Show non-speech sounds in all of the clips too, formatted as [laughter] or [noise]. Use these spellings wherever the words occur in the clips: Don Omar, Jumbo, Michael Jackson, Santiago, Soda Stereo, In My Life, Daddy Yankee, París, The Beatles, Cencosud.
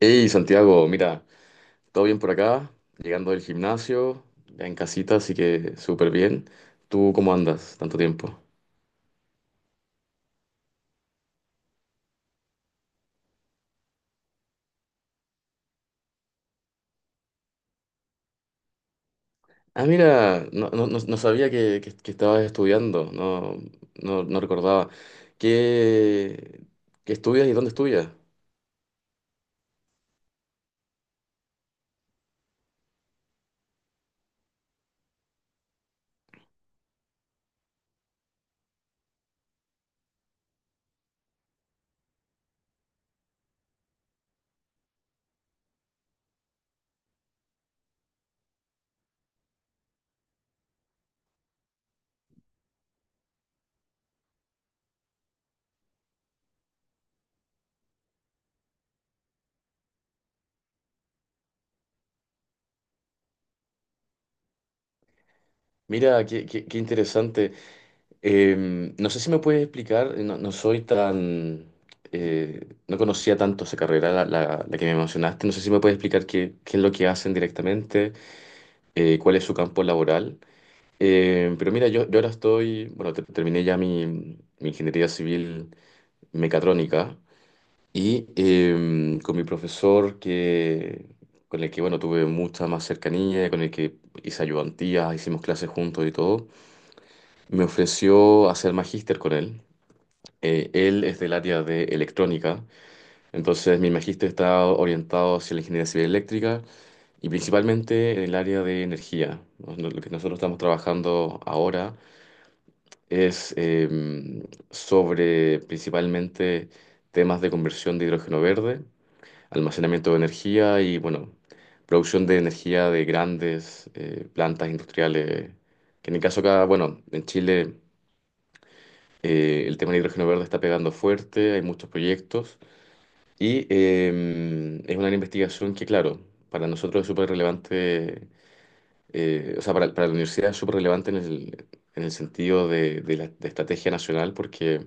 Hey Santiago, mira, todo bien por acá, llegando del gimnasio, ya en casita, así que súper bien. ¿Tú cómo andas? Tanto tiempo. Ah, mira, no, no, no sabía que estabas estudiando, no, no, no recordaba. ¿Qué, qué estudias y dónde estudias? Mira, qué interesante. No sé si me puedes explicar, no soy tan... no conocía tanto esa carrera, la que me mencionaste. No sé si me puedes explicar qué es lo que hacen directamente. Cuál es su campo laboral. Pero mira, yo ahora estoy, bueno, terminé ya mi ingeniería civil mecatrónica y con mi profesor con el que, bueno, tuve mucha más cercanía, con el que hice ayudantías, hicimos clases juntos y todo, me ofreció hacer magíster con él. Él es del área de electrónica, entonces mi magíster está orientado hacia la ingeniería civil eléctrica y principalmente en el área de energía. ¿No? Lo que nosotros estamos trabajando ahora es sobre principalmente temas de conversión de hidrógeno verde, almacenamiento de energía y, bueno, producción de energía de grandes plantas industriales. Que en el caso acá, bueno, en Chile el tema del hidrógeno verde está pegando fuerte, hay muchos proyectos y es una investigación que, claro, para nosotros es súper relevante. O sea, para la universidad es súper relevante en el sentido de la de estrategia nacional porque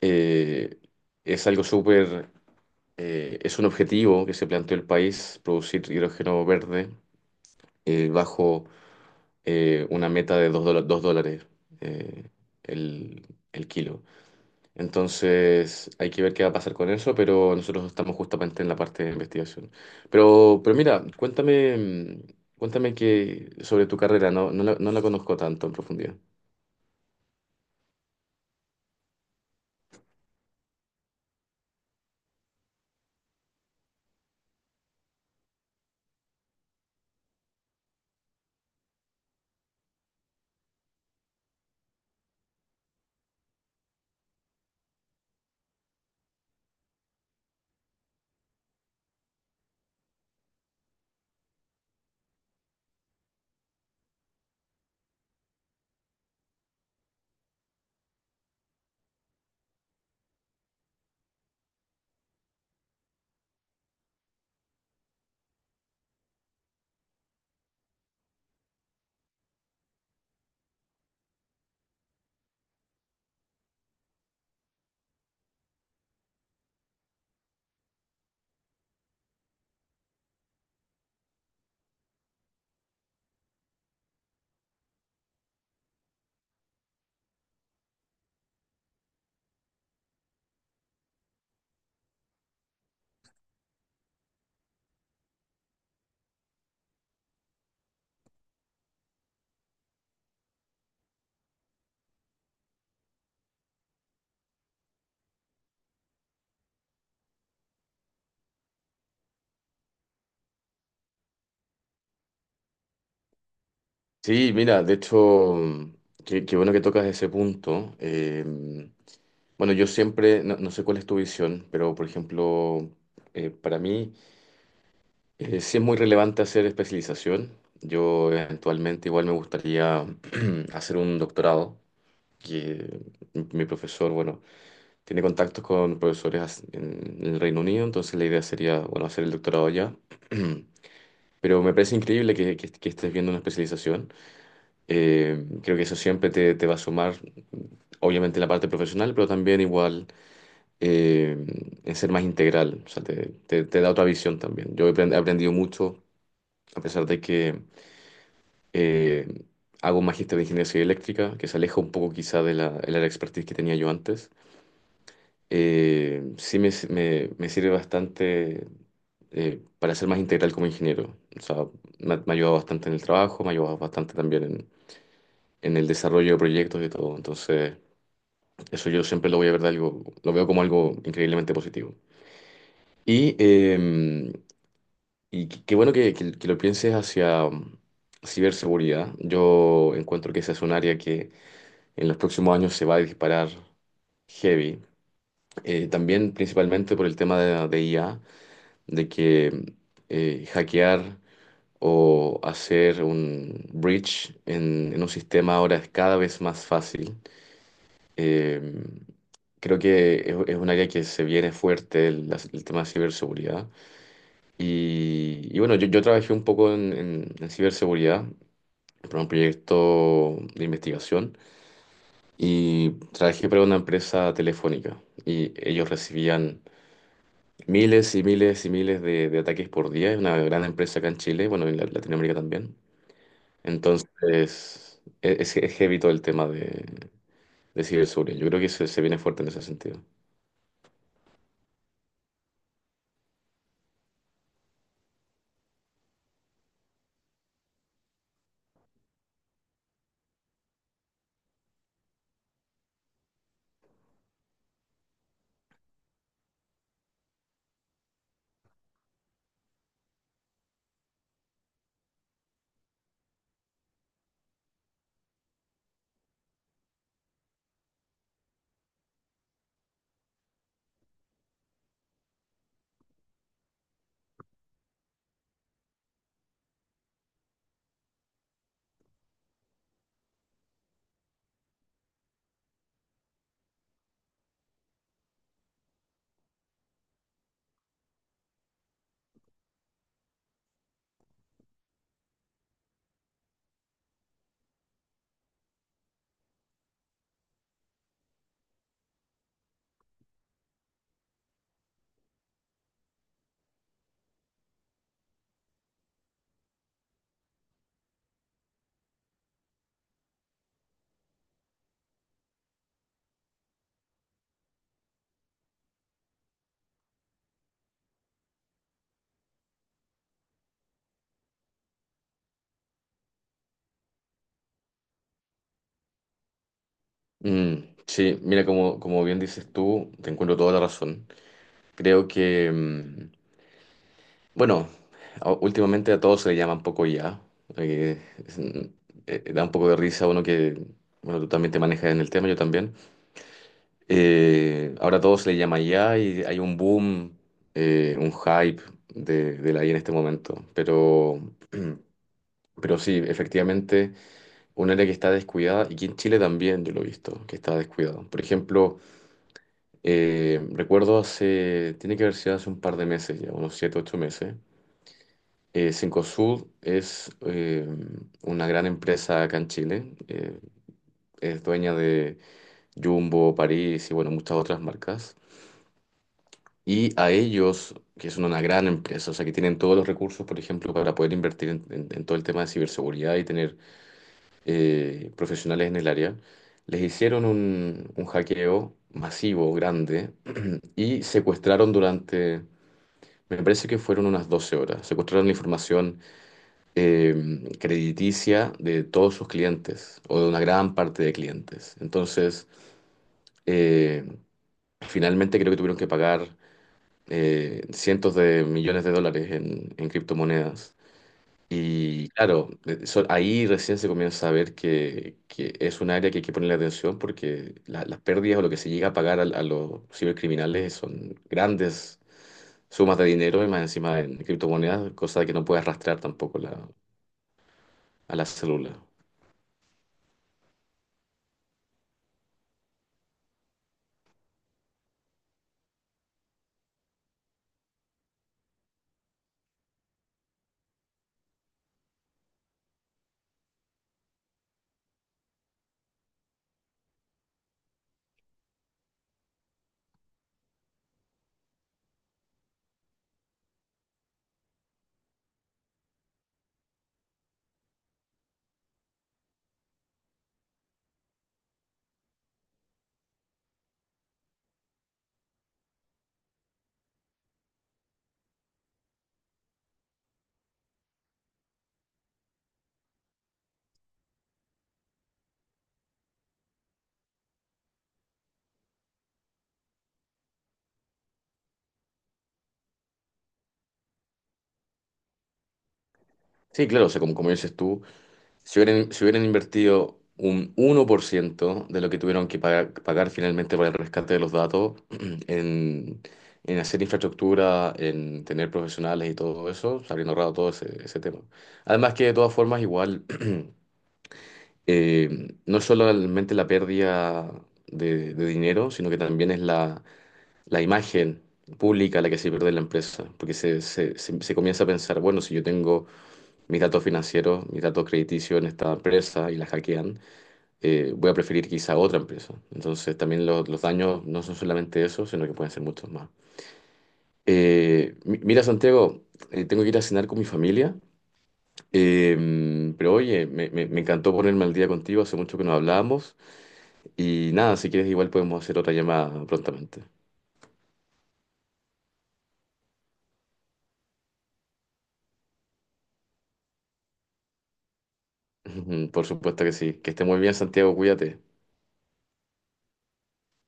eh, es algo súper, es un objetivo que se planteó el país, producir hidrógeno verde bajo una meta de dos dólares eh, el, el kilo. Entonces hay que ver qué va a pasar con eso, pero nosotros estamos justamente en la parte de investigación. Pero mira, cuéntame que sobre tu carrera, no, no la conozco tanto en profundidad. Sí, mira, de hecho, qué bueno que tocas ese punto. Bueno, yo siempre, no sé cuál es tu visión, pero por ejemplo, para mí sí es muy relevante hacer especialización. Yo eventualmente igual me gustaría [clears throat] hacer un doctorado. Que mi profesor, bueno, tiene contactos con profesores en el Reino Unido, entonces la idea sería, bueno, hacer el doctorado allá. [clears throat] Pero me parece increíble que estés viendo una especialización. Creo que eso siempre te va a sumar, obviamente, en la parte profesional, pero también igual eh, en ser más integral. O sea, te da otra visión también. Yo he aprendido mucho, a pesar de que eh, hago un magíster de ingeniería civil eléctrica, que se aleja un poco quizá de el área de expertise que tenía yo antes. Sí me sirve bastante para ser más integral como ingeniero. O sea, me ha ayudado bastante en el trabajo, me ha ayudado bastante también en el desarrollo de proyectos y todo. Entonces, eso yo siempre lo voy a ver de algo, lo veo como algo increíblemente positivo. Y, eh, y qué bueno que lo pienses hacia ciberseguridad. Yo encuentro que esa es un área que en los próximos años se va a disparar heavy. También principalmente por el tema de IA, de que hackear o hacer un breach en un sistema ahora es cada vez más fácil. Eh, Creo que es un área que se viene fuerte el tema de ciberseguridad. Y bueno, yo trabajé un poco en, en ciberseguridad para un proyecto de investigación y trabajé para una empresa telefónica y ellos recibían miles y miles y miles de ataques por día. Es una gran empresa acá en Chile, bueno, en Latinoamérica también. Entonces, es heavy todo el tema de ciberseguridad. Yo creo que se viene fuerte en ese sentido. Mm, sí, mira, como bien dices tú, te encuentro toda la razón. Creo que, bueno, últimamente a todos se le llama un poco ya. Da un poco de risa a uno que, bueno, tú también te manejas en el tema, yo también. Ahora todo se le llama IA y hay un boom, un hype de la IA en este momento. Pero sí, efectivamente, un área que está descuidada y que en Chile también yo lo he visto, que está descuidado. Por ejemplo, recuerdo hace, tiene que haber sido hace un par de meses ya, unos 7, 8 meses. Cencosud es una gran empresa acá en Chile. Es dueña de Jumbo, París y bueno, muchas otras marcas. Y a ellos, que son una gran empresa, o sea, que tienen todos los recursos, por ejemplo, para poder invertir en, en todo el tema de ciberseguridad y tener profesionales en el área, les hicieron un hackeo masivo, grande, y secuestraron durante, me parece que fueron unas 12 horas, secuestraron la información crediticia de todos sus clientes, o de una gran parte de clientes. Entonces, eh, finalmente creo que tuvieron que pagar cientos de millones de dólares en criptomonedas. Y claro, ahí recién se comienza a ver que es un área que hay que ponerle atención porque las pérdidas o lo que se llega a pagar a los cibercriminales son grandes sumas de dinero y más encima en criptomonedas, cosa que no puede arrastrar tampoco a la célula. Sí, claro, o sea, como dices tú, si hubieran invertido un 1% de lo que tuvieron que pagar, finalmente para el rescate de los datos [clears throat] en, en hacer infraestructura, en tener profesionales y todo eso, se habrían ahorrado todo ese tema. Además que de todas formas igual, [clears throat] no es solamente la pérdida de dinero, sino que también es la, la imagen pública la que se pierde en la empresa, porque se comienza a pensar, bueno, si yo tengo mis datos financieros, mis datos crediticios en esta empresa y la hackean, voy a preferir quizá otra empresa. Entonces también los daños no son solamente eso, sino que pueden ser muchos más. Mira, Santiago, tengo que ir a cenar con mi familia, pero oye, me encantó ponerme al día contigo, hace mucho que no hablábamos y nada, si quieres igual podemos hacer otra llamada prontamente. [laughs] Por supuesto que sí, que esté muy bien, Santiago, cuídate.